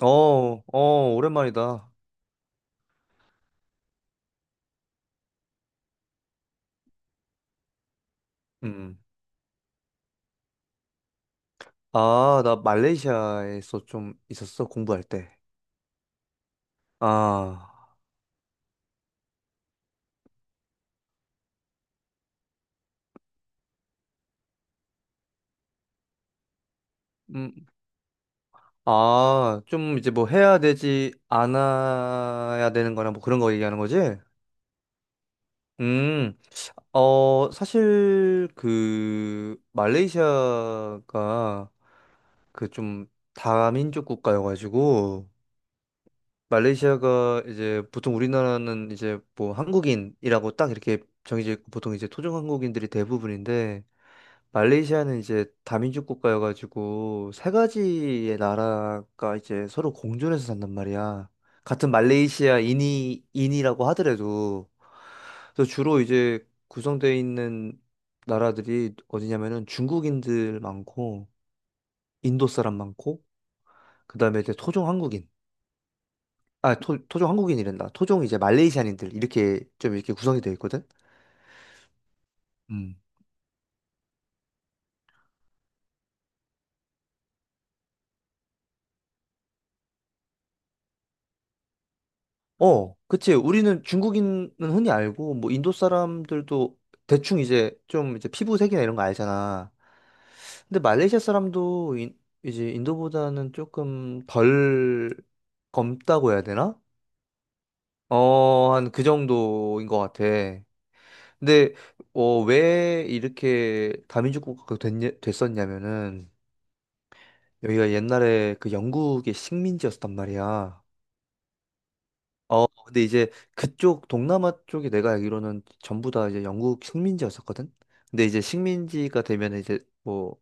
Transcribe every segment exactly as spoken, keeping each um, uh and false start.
어, 어, 오랜만이다. 음. 아, 나 말레이시아에서 좀 있었어, 공부할 때. 아, 음, 아, 좀 이제 뭐 해야 되지, 안 해야 되는 거나 뭐 그런 거 얘기하는 거지? 음, 어, 사실 그 말레이시아가 그 좀 다민족 국가여가지고 말레이시아가 이제 보통 우리나라는 이제 뭐 한국인이라고 딱 이렇게 정해져 있고 보통 이제 토종 한국인들이 대부분인데 말레이시아는 이제 다민족 국가여가지고 세 가지의 나라가 이제 서로 공존해서 산단 말이야. 같은 말레이시아인이 인이라고 하더라도 그래서 주로 이제 구성되어 있는 나라들이 어디냐면은 중국인들 많고 인도 사람 많고 그다음에 이제 토종 한국인 아 토, 토종 한국인이란다 토종 이제 말레이시안인들 이렇게 좀 이렇게 구성이 되어 있거든. 음. 어, 그치. 우리는 중국인은 흔히 알고, 뭐, 인도 사람들도 대충 이제 좀 이제 피부색이나 이런 거 알잖아. 근데 말레이시아 사람도 인, 이제 인도보다는 조금 덜 검다고 해야 되나? 어, 한 그 정도인 것 같아. 근데, 어, 왜 이렇게 다민족 국가가 됐, 됐었냐면은, 여기가 옛날에 그 영국의 식민지였단 말이야. 어, 근데 이제 그쪽 동남아 쪽이 내가 알기로는 전부 다 이제 영국 식민지였었거든. 근데 이제 식민지가 되면 이제 뭐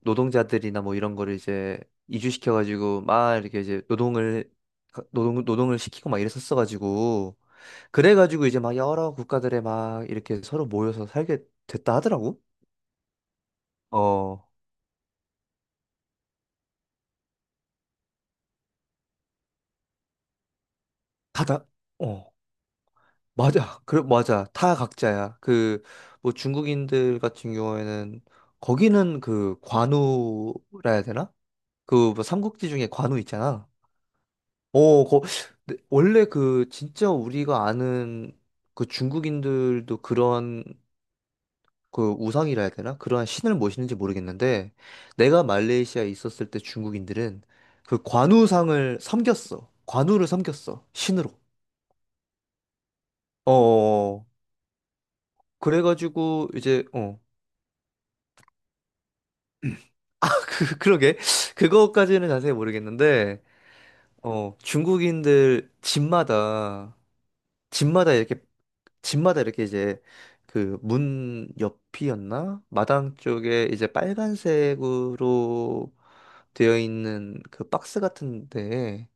노동자들이나 뭐 이런 거를 이제 이주시켜가지고 막 이렇게 이제 노동을 가- 노동 노동을 시키고 막 이랬었어가지고 그래가지고 이제 막 여러 국가들에 막 이렇게 서로 모여서 살게 됐다 하더라고. 어, 다다. 맞아. 그래, 맞아. 다 각자야. 그, 뭐 중국인들 같은 경우에는 거기는 그 관우라 해야 되나? 그 뭐 삼국지 중에 관우 있잖아. 어, 거, 근데 원래 그 진짜 우리가 아는 그 중국인들도 그런 그 우상이라 해야 되나? 그러한 신을 모시는지 모르겠는데 내가 말레이시아에 있었을 때 중국인들은 그 관우상을 섬겼어. 관우를 섬겼어. 신으로. 어, 어, 어. 그래가지고 이제 어. 아, 그, 그러게. 그거까지는 자세히 모르겠는데, 어, 중국인들 집마다, 집마다 이렇게, 집마다 이렇게 이제, 그, 문 옆이었나? 마당 쪽에 이제 빨간색으로 되어 있는 그 박스 같은데,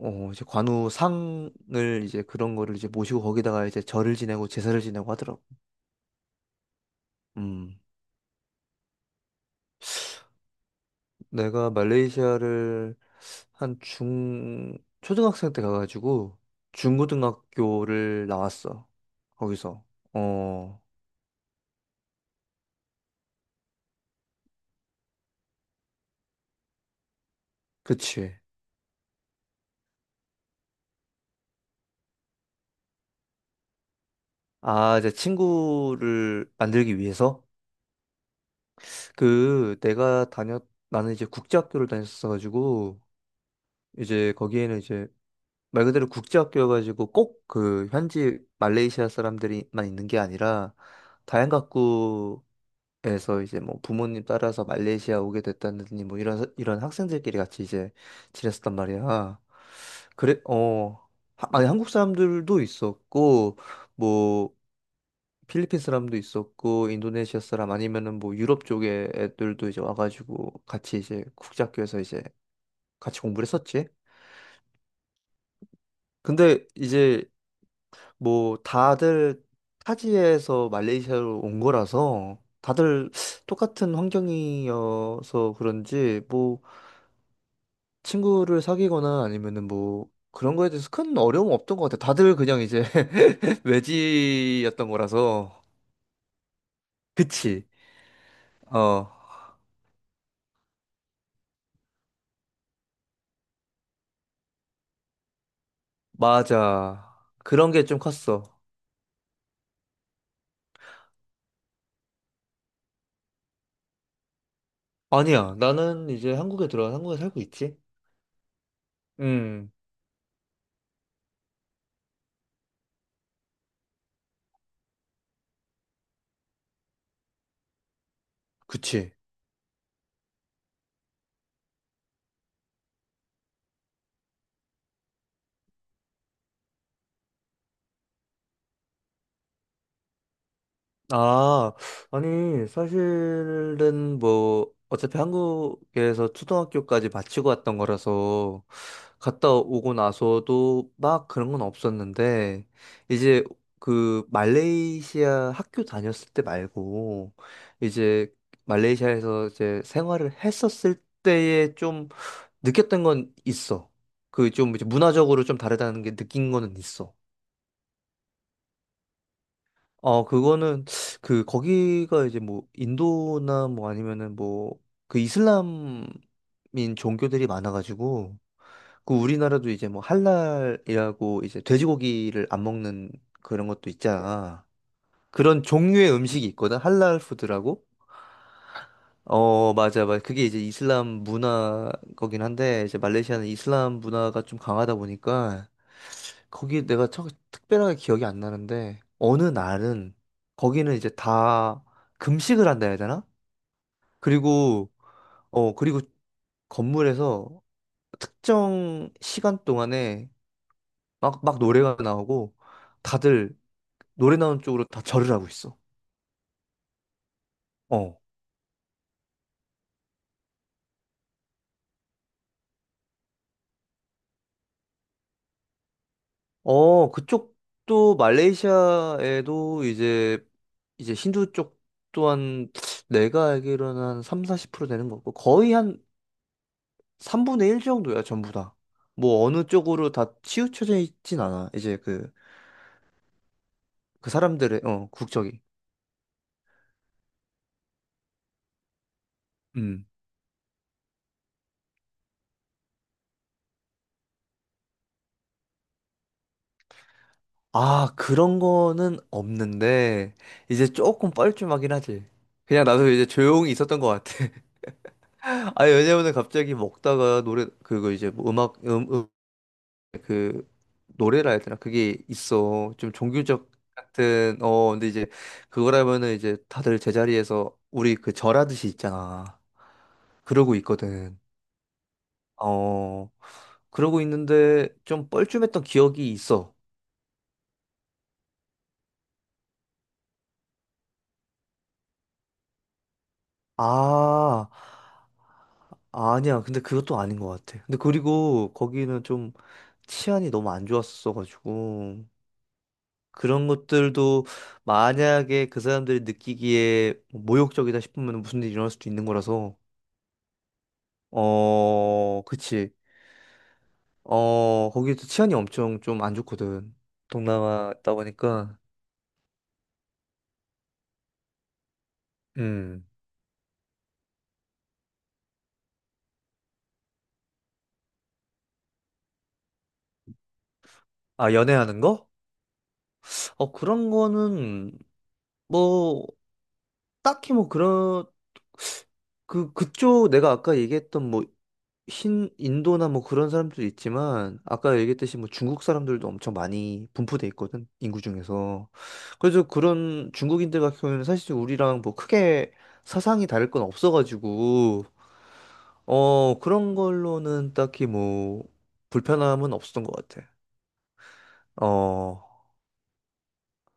어, 이제 관우 상을 이제 그런 거를 이제 모시고 거기다가 이제 절을 지내고 제사를 지내고 하더라고. 음, 내가 말레이시아를 한 중, 초등학생 때 가가지고 중고등학교를 나왔어. 거기서. 어, 그치. 아, 이제 친구를 만들기 위해서? 그, 내가 다녔, 나는 이제 국제학교를 다녔어가지고, 이제 거기에는 이제 말 그대로 국제학교여가지고 꼭 그 현지 말레이시아 사람들이만 있는 게 아니라, 다양각 그래서 이제 뭐 부모님 따라서 말레이시아 오게 됐다느니 뭐 이런 이런 학생들끼리 같이 이제 지냈었단 말이야. 그래 어 하- 아니 한국 사람들도 있었고 뭐 필리핀 사람도 있었고 인도네시아 사람 아니면은 뭐 유럽 쪽에 애들도 이제 와가지고 같이 이제 국제학교에서 이제 같이 공부를 했었지. 근데 이제 뭐 다들 타지에서 말레이시아로 온 거라서 다들 똑같은 환경이어서 그런지 뭐 친구를 사귀거나 아니면은 뭐 그런 거에 대해서 큰 어려움 없던 것 같아. 다들 그냥 이제 외지였던 거라서. 그치. 어, 맞아. 그런 게 좀 컸어. 아니야. 나는 이제 한국에 들어와 한국에 살고 있지. 음, 그치. 아, 아니, 사실은 뭐, 어차피 한국에서 초등학교까지 마치고 왔던 거라서, 갔다 오고 나서도 막 그런 건 없었는데, 이제 그 말레이시아 학교 다녔을 때 말고, 이제 말레이시아에서 이제 생활을 했었을 때에 좀 느꼈던 건 있어. 그 좀 문화적으로 좀 다르다는 게 느낀 거는 있어. 어, 그거는, 그, 거기가 이제 뭐, 인도나 뭐 아니면은 뭐, 그 이슬람인 종교들이 많아가지고, 그 우리나라도 이제 뭐, 할랄이라고 이제 돼지고기를 안 먹는 그런 것도 있잖아. 그런 종류의 음식이 있거든? 할랄 푸드라고? 어, 맞아, 맞아. 그게 이제 이슬람 문화 거긴 한데, 이제 말레이시아는 이슬람 문화가 좀 강하다 보니까, 거기 내가 척, 특별하게 기억이 안 나는데 어느 날은 거기는 이제 다 금식을 한다 해야 되나? 그리고 어 그리고 건물에서 특정 시간 동안에 막 막 노래가 나오고 다들 노래 나오는 쪽으로 다 절을 하고 있어. 어. 어, 그쪽도 말레이시아에도 이제 이제 힌두 쪽 또한 내가 알기로는 한 삼, 사십 퍼센트 되는 거고 거의 한 삼분의 일 정도야, 전부 다. 뭐 어느 쪽으로 다 치우쳐져 있진 않아. 이제 그, 그 사람들의, 어, 국적이. 음. 아, 그런 거는 없는데, 이제 조금 뻘쭘하긴 하지. 그냥 나도 이제 조용히 있었던 것 같아. 아니, 왜냐면은 갑자기 먹다가 노래, 그거 이제 뭐 음악, 음, 음, 그, 노래라 해야 되나? 그게 있어. 좀 종교적 같은, 어, 근데 이제 그거라면은 이제 다들 제자리에서 우리 그 절하듯이 있잖아. 그러고 있거든. 어, 그러고 있는데 좀 뻘쭘했던 기억이 있어. 아, 아니야. 근데 그것도 아닌 것 같아. 근데 그리고 거기는 좀 치안이 너무 안 좋았어가지고 그런 것들도 만약에 그 사람들이 느끼기에 뭐 모욕적이다 싶으면 무슨 일이 일어날 수도 있는 거라서 어, 그치. 어, 거기도 치안이 엄청 좀 안 좋거든. 동남아 있다 보니까. 음. 아, 연애하는 거? 어, 그런 거는 뭐 딱히 뭐 그런 그 그쪽 내가 아까 얘기했던 뭐 흰 인도나 뭐 그런 사람들도 있지만 아까 얘기했듯이 뭐 중국 사람들도 엄청 많이 분포돼 있거든 인구 중에서 그래서 그런 중국인들 같은 경우에는 사실 우리랑 뭐 크게 사상이 다를 건 없어가지고 어 그런 걸로는 딱히 뭐 불편함은 없었던 것 같아 어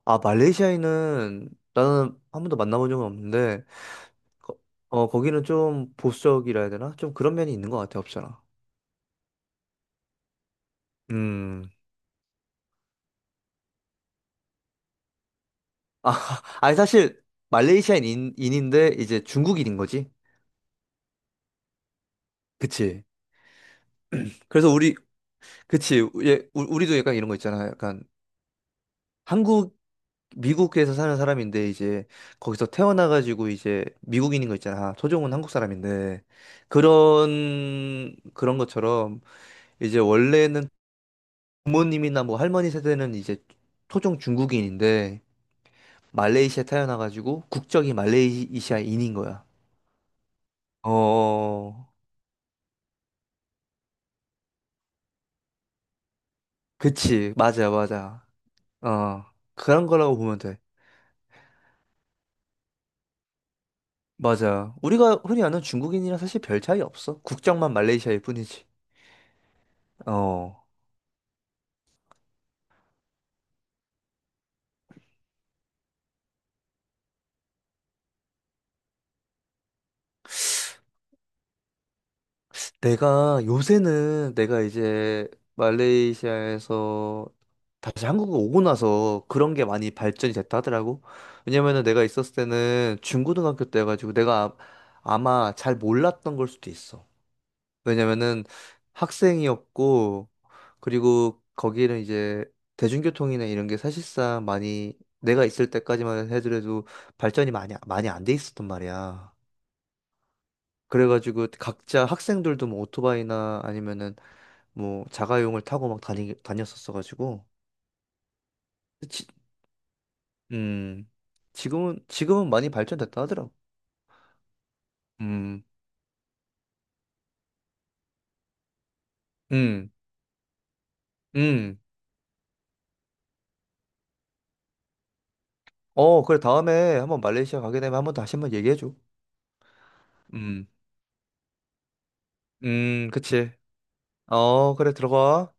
아 말레이시아인은 나는 한 번도 만나본 적은 없는데 거- 어, 거기는 좀 보수적이라 해야 되나? 좀 그런 면이 있는 것 같아, 없잖아. 음. 아, 아니, 사실, 말레이시아인인데, 이제 중국인인 거지? 그치. 그래서 우리, 그치. 예, 우- 우리도 약간 이런 거 있잖아. 약간, 한국, 미국에서 사는 사람인데, 이제, 거기서 태어나가지고, 이제, 미국인인 거 있잖아. 토종은 한국 사람인데. 그런, 그런 것처럼, 이제, 원래는 부모님이나 뭐 할머니 세대는 이제, 토종 중국인인데, 말레이시아 태어나가지고 국적이 말레이시아인인 거야. 어, 어, 어. 그치. 맞아, 맞아. 어, 그런 거라고 보면 돼. 맞아. 우리가 흔히 아는 중국인이랑 사실 별 차이 없어. 국적만 말레이시아일 뿐이지. 어, 내가 요새는 내가 이제 말레이시아에서 다시 한국에 오고 나서 그런 게 많이 발전이 됐다 하더라고. 왜냐면은 내가 있었을 때는 중고등학교 때여가지고 내가 아, 아마 잘 몰랐던 걸 수도 있어. 왜냐면은 학생이었고, 그리고 거기는 이제 대중교통이나 이런 게 사실상 많이 내가 있을 때까지만 해도 발전이 많이, 많이 안 돼 있었단 말이야. 그래가지고 각자 학생들도 뭐 오토바이나 아니면은 뭐 자가용을 타고 막 다니, 다녔었어가지고. 지, 음, 지금은, 지금은 많이 발전됐다 하더라고. 음, 음, 음. 어, 그래. 다음에 한번 말레이시아 가게 되면 한번 다시 한번 얘기해줘. 음, 음, 그치. 어, 그래, 들어가.